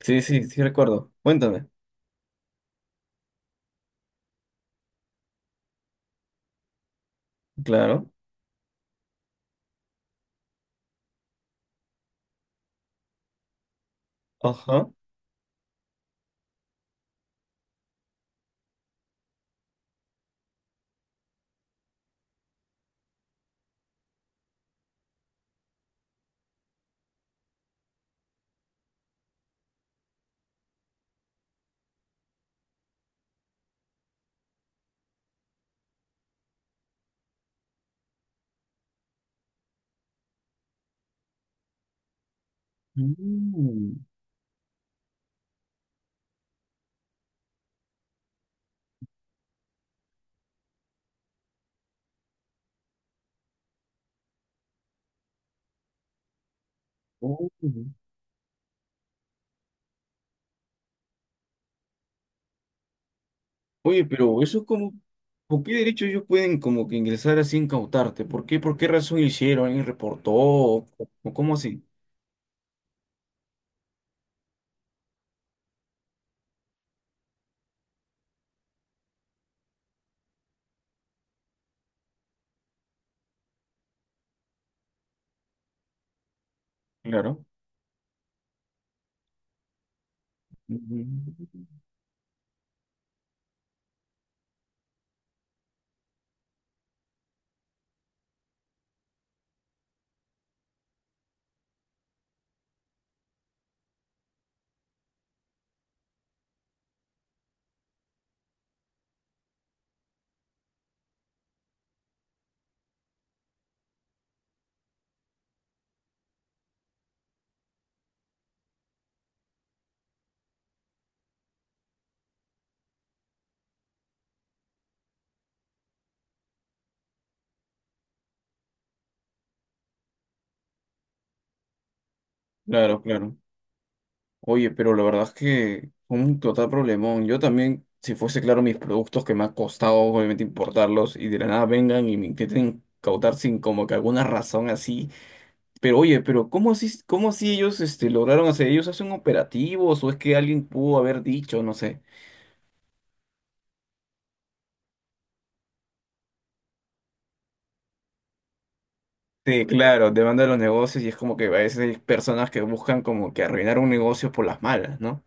Sí, sí, sí recuerdo. Cuéntame. Claro. Ajá. Mm. Oh. Oye, pero eso es como, ¿con qué derecho ellos pueden como que ingresar así e incautarte? ¿Por qué? ¿Por qué razón hicieron? ¿Alguien reportó? O cómo así? Claro. Ujú. Claro, claro. Oye, pero la verdad es que fue un total problemón. Yo también, si fuese claro, mis productos que me ha costado obviamente importarlos y de la nada vengan y me intenten cautar sin como que alguna razón así. Pero oye, pero cómo así ellos este, lograron hacer? ¿Ellos hacen operativos o es que alguien pudo haber dicho, no sé? Sí, claro, demanda los negocios y es como que a veces hay personas que buscan como que arruinar un negocio por las malas, ¿no?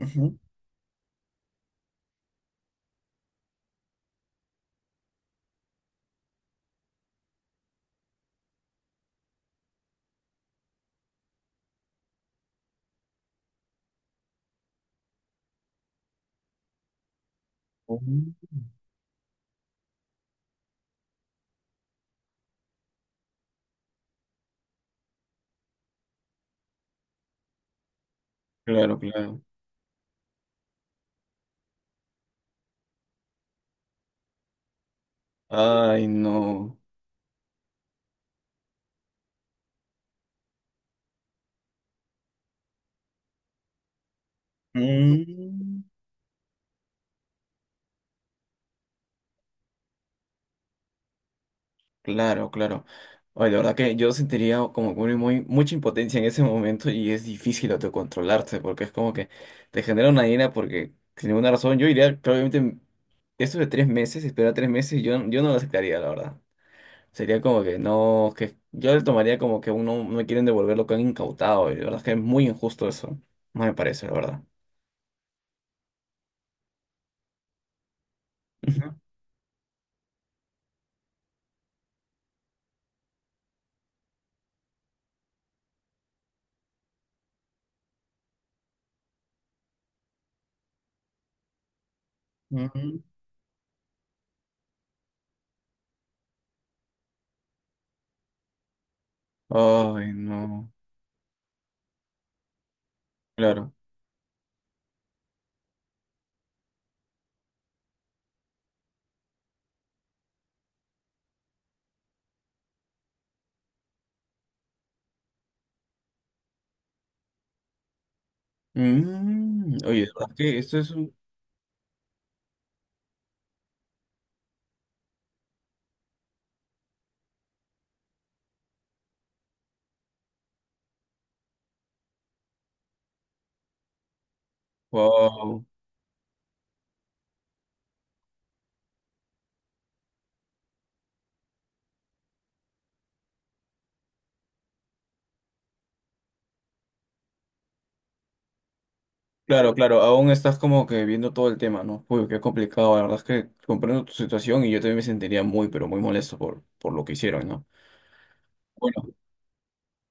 Ujú. Ujú. Claro, claro. Ay, no. Mm. Claro, claro. Oye, la verdad que yo sentiría como que mucha impotencia en ese momento y es difícil autocontrolarse porque es como que te genera una ira porque sin ninguna razón yo iría probablemente eso de tres meses, esperar tres meses, yo no lo aceptaría, la verdad. Sería como que no, que yo lo tomaría como que uno no me quieren devolver lo que han incautado y la verdad es que es muy injusto eso. No me parece, la verdad. Ujú. Ujú. Ay, no. Claro. Mm, oye, la verdad que esto es un... Wow. Claro, claro, aún estás como que viendo todo el tema, ¿no? Uy, qué complicado, la verdad es que comprendo tu situación y yo también me sentiría muy, pero muy molesto por lo que hicieron, ¿no? Bueno,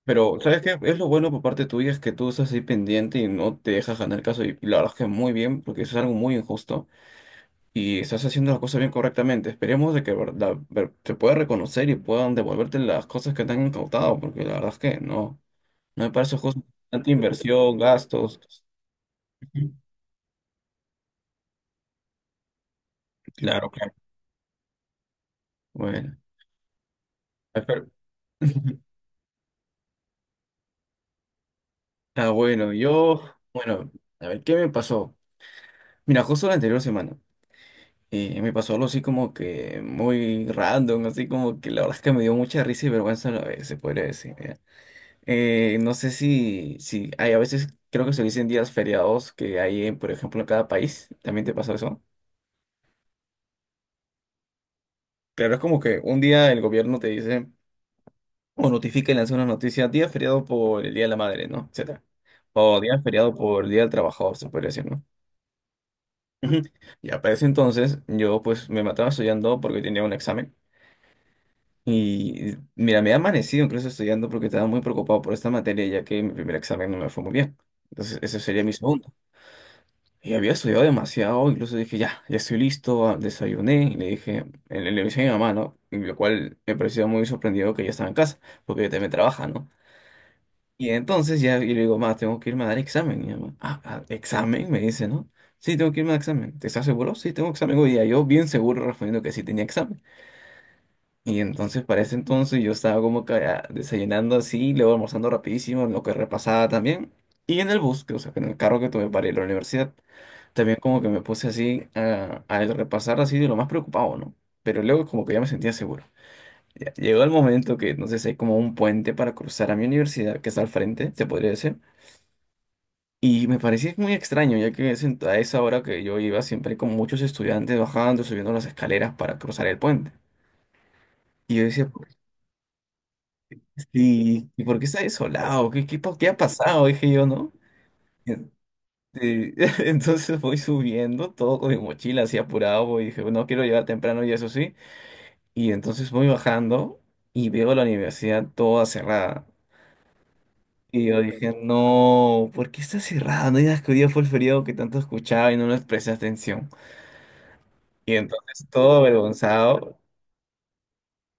pero ¿sabes qué? Es lo bueno por parte tuya, es que tú estás ahí pendiente y no te dejas ganar el caso y la verdad es que muy bien, porque eso es algo muy injusto y estás haciendo las cosas bien correctamente. Esperemos de que verdad, ver- te pueda reconocer y puedan devolverte las cosas que te han incautado, porque la verdad es que no, no me parece justo. Tanta inversión, gastos. Claro, claro. Bueno, espero. Ah, bueno, yo, bueno, a ver, ¿qué me pasó? Mira, justo la anterior semana, me pasó algo así como que muy random, así como que la verdad es que me dio mucha risa y vergüenza a la vez, se podría decir. Ya. No sé si hay a veces, creo que se dicen días feriados que hay, en, por ejemplo, en cada país, ¿también te pasó eso? Claro, es como que un día el gobierno te dice, o notifica y lanza una noticia, día feriado por el Día de la Madre, ¿no? Etcétera. O día feriado por el Día del Trabajador, se podría decir, ¿no? Ujú. Ya, para ese entonces yo pues me mataba estudiando porque tenía un examen y mira, me he amanecido incluso estudiando porque estaba muy preocupado por esta materia ya que mi primer examen no me fue muy bien. Entonces ese sería mi segundo. Y había estudiado demasiado, incluso dije, ya, ya estoy listo, ah, desayuné y le dije, le avisé a mi mamá, ¿no? Y lo cual me parecía muy sorprendido que ella estaba en casa porque ella también trabaja, ¿no? Y entonces ya y le digo, ma, tengo que irme a dar examen. Y mi mamá, ah, ah, examen, me dice, ¿no? Sí, tengo que irme a examen. ¿Te estás seguro? Sí, tengo examen hoy día. Yo bien seguro respondiendo que sí tenía examen. Y entonces para ese entonces yo estaba como que desayunando así, luego almorzando rapidísimo, lo que repasaba también. Y en el bus, que, o sea, en el carro que tomé para ir a la universidad, también como que me puse así a repasar así de lo más preocupado, ¿no? Pero luego como que ya me sentía seguro. Ya, llegó el momento que, no sé, si hay como un puente para cruzar a mi universidad, que está al frente, se podría decir. Y me parecía muy extraño, ya que es en- a esa hora que yo iba siempre con muchos estudiantes bajando, subiendo las escaleras para cruzar el puente. Y yo decía, "¿Por qué sí, ¿y por qué está desolado? ¿Qué, qué, pa- qué ha pasado? Dije yo, ¿no? Este, entonces voy subiendo, todo con mi mochila así apurado, voy, dije, no quiero llegar temprano y eso sí. Y entonces voy bajando y veo la universidad toda cerrada. Y yo dije, no, ¿por qué está cerrada? No digas que hoy día fue el feriado que tanto escuchaba y no les presté atención. Y entonces todo avergonzado,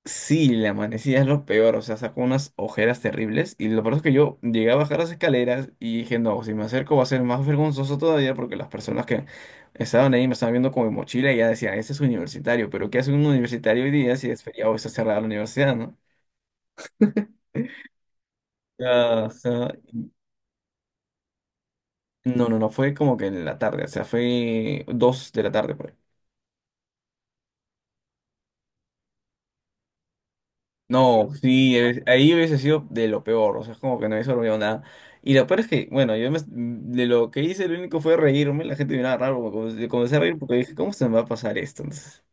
sí, la manecilla es lo peor, o sea, sacó unas ojeras terribles y lo peor es que yo llegué a bajar las escaleras y dije, no, si me acerco va a ser más vergonzoso todavía porque las personas que estaban ahí me estaban viendo con mi mochila y ya decían, ese es universitario, pero ¿qué hace un universitario hoy día si es feriado está cerrada la universidad, ¿no? Ah, o sea, no, fue como que en la tarde, o sea, fue dos de la tarde por ahí. No, sí, ahí hubiese sido de lo peor, o sea, es como que no hubiese olvidado nada. Y lo peor es que, bueno, yo me- de lo que hice, lo único fue reírme, la gente me miraba raro, porque comencé a reír porque dije, ¿cómo se me va a pasar esto? Entonces,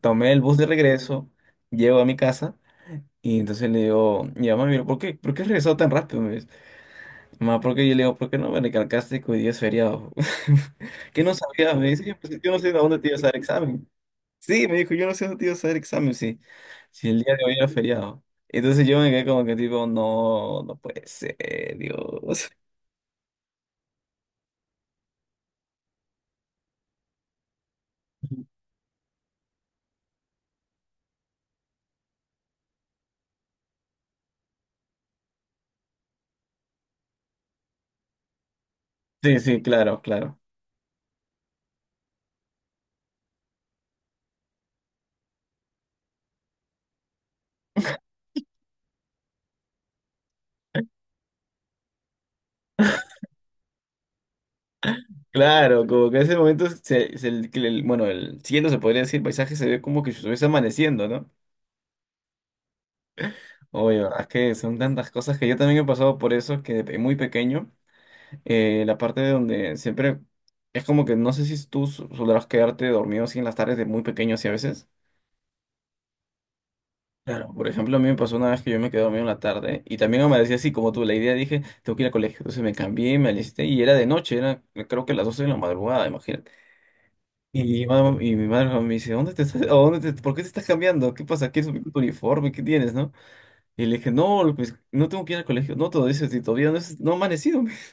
tomé el bus de regreso, llego a mi casa, y entonces le digo, mi mamá me dijo, ¿por qué? ¿Por qué has regresado tan rápido? Me dice, mamá, ¿por qué? Yo le digo, ¿por qué no me recalcaste que hoy día es feriado? ¿Qué no sabía? Me dice, "Pues, yo no sé a dónde te ibas a dar examen. Sí, me dijo, yo no sé dónde te ibas a dar examen si, si el día de hoy era feriado. Entonces yo me quedé como que tipo, no, no puede ser, Dios. Sí, sí, claro, claro. Claro, como que en ese momento, se- el- bueno, el cielo se podría decir, el paisaje se ve como que si estuviese amaneciendo, ¿no? Oye, verdad es que son tantas cosas que yo también he pasado por eso, que de pe- muy pequeño, la parte de donde siempre es como que no sé si tú su- sabrás quedarte dormido así en las tardes de muy pequeño así a veces. Claro, por ejemplo, a mí me pasó una vez que yo me quedé dormido en la tarde y también amanecí así como tú. La idea dije, tengo que ir al colegio. Entonces me cambié, me alisté y era de noche, era creo que las 12 de la madrugada, imagínate. Y, ma- y mi madre me dice, ¿dónde te estás, a dónde te- por qué te estás cambiando? ¿Qué pasa? ¿Quieres tu uniforme? ¿Qué tienes, no? Y le dije, no, pues no tengo que ir al colegio. No, todo eso, si todavía no, es, no he amanecido.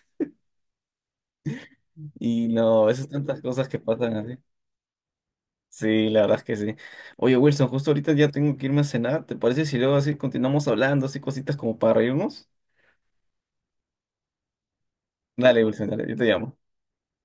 Y no, esas tantas cosas que pasan así. Sí, la verdad es que sí. Oye, Wilson, justo ahorita ya tengo que irme a cenar. ¿Te parece si luego así continuamos hablando, así cositas como para reírnos? Dale, Wilson, dale, yo te llamo.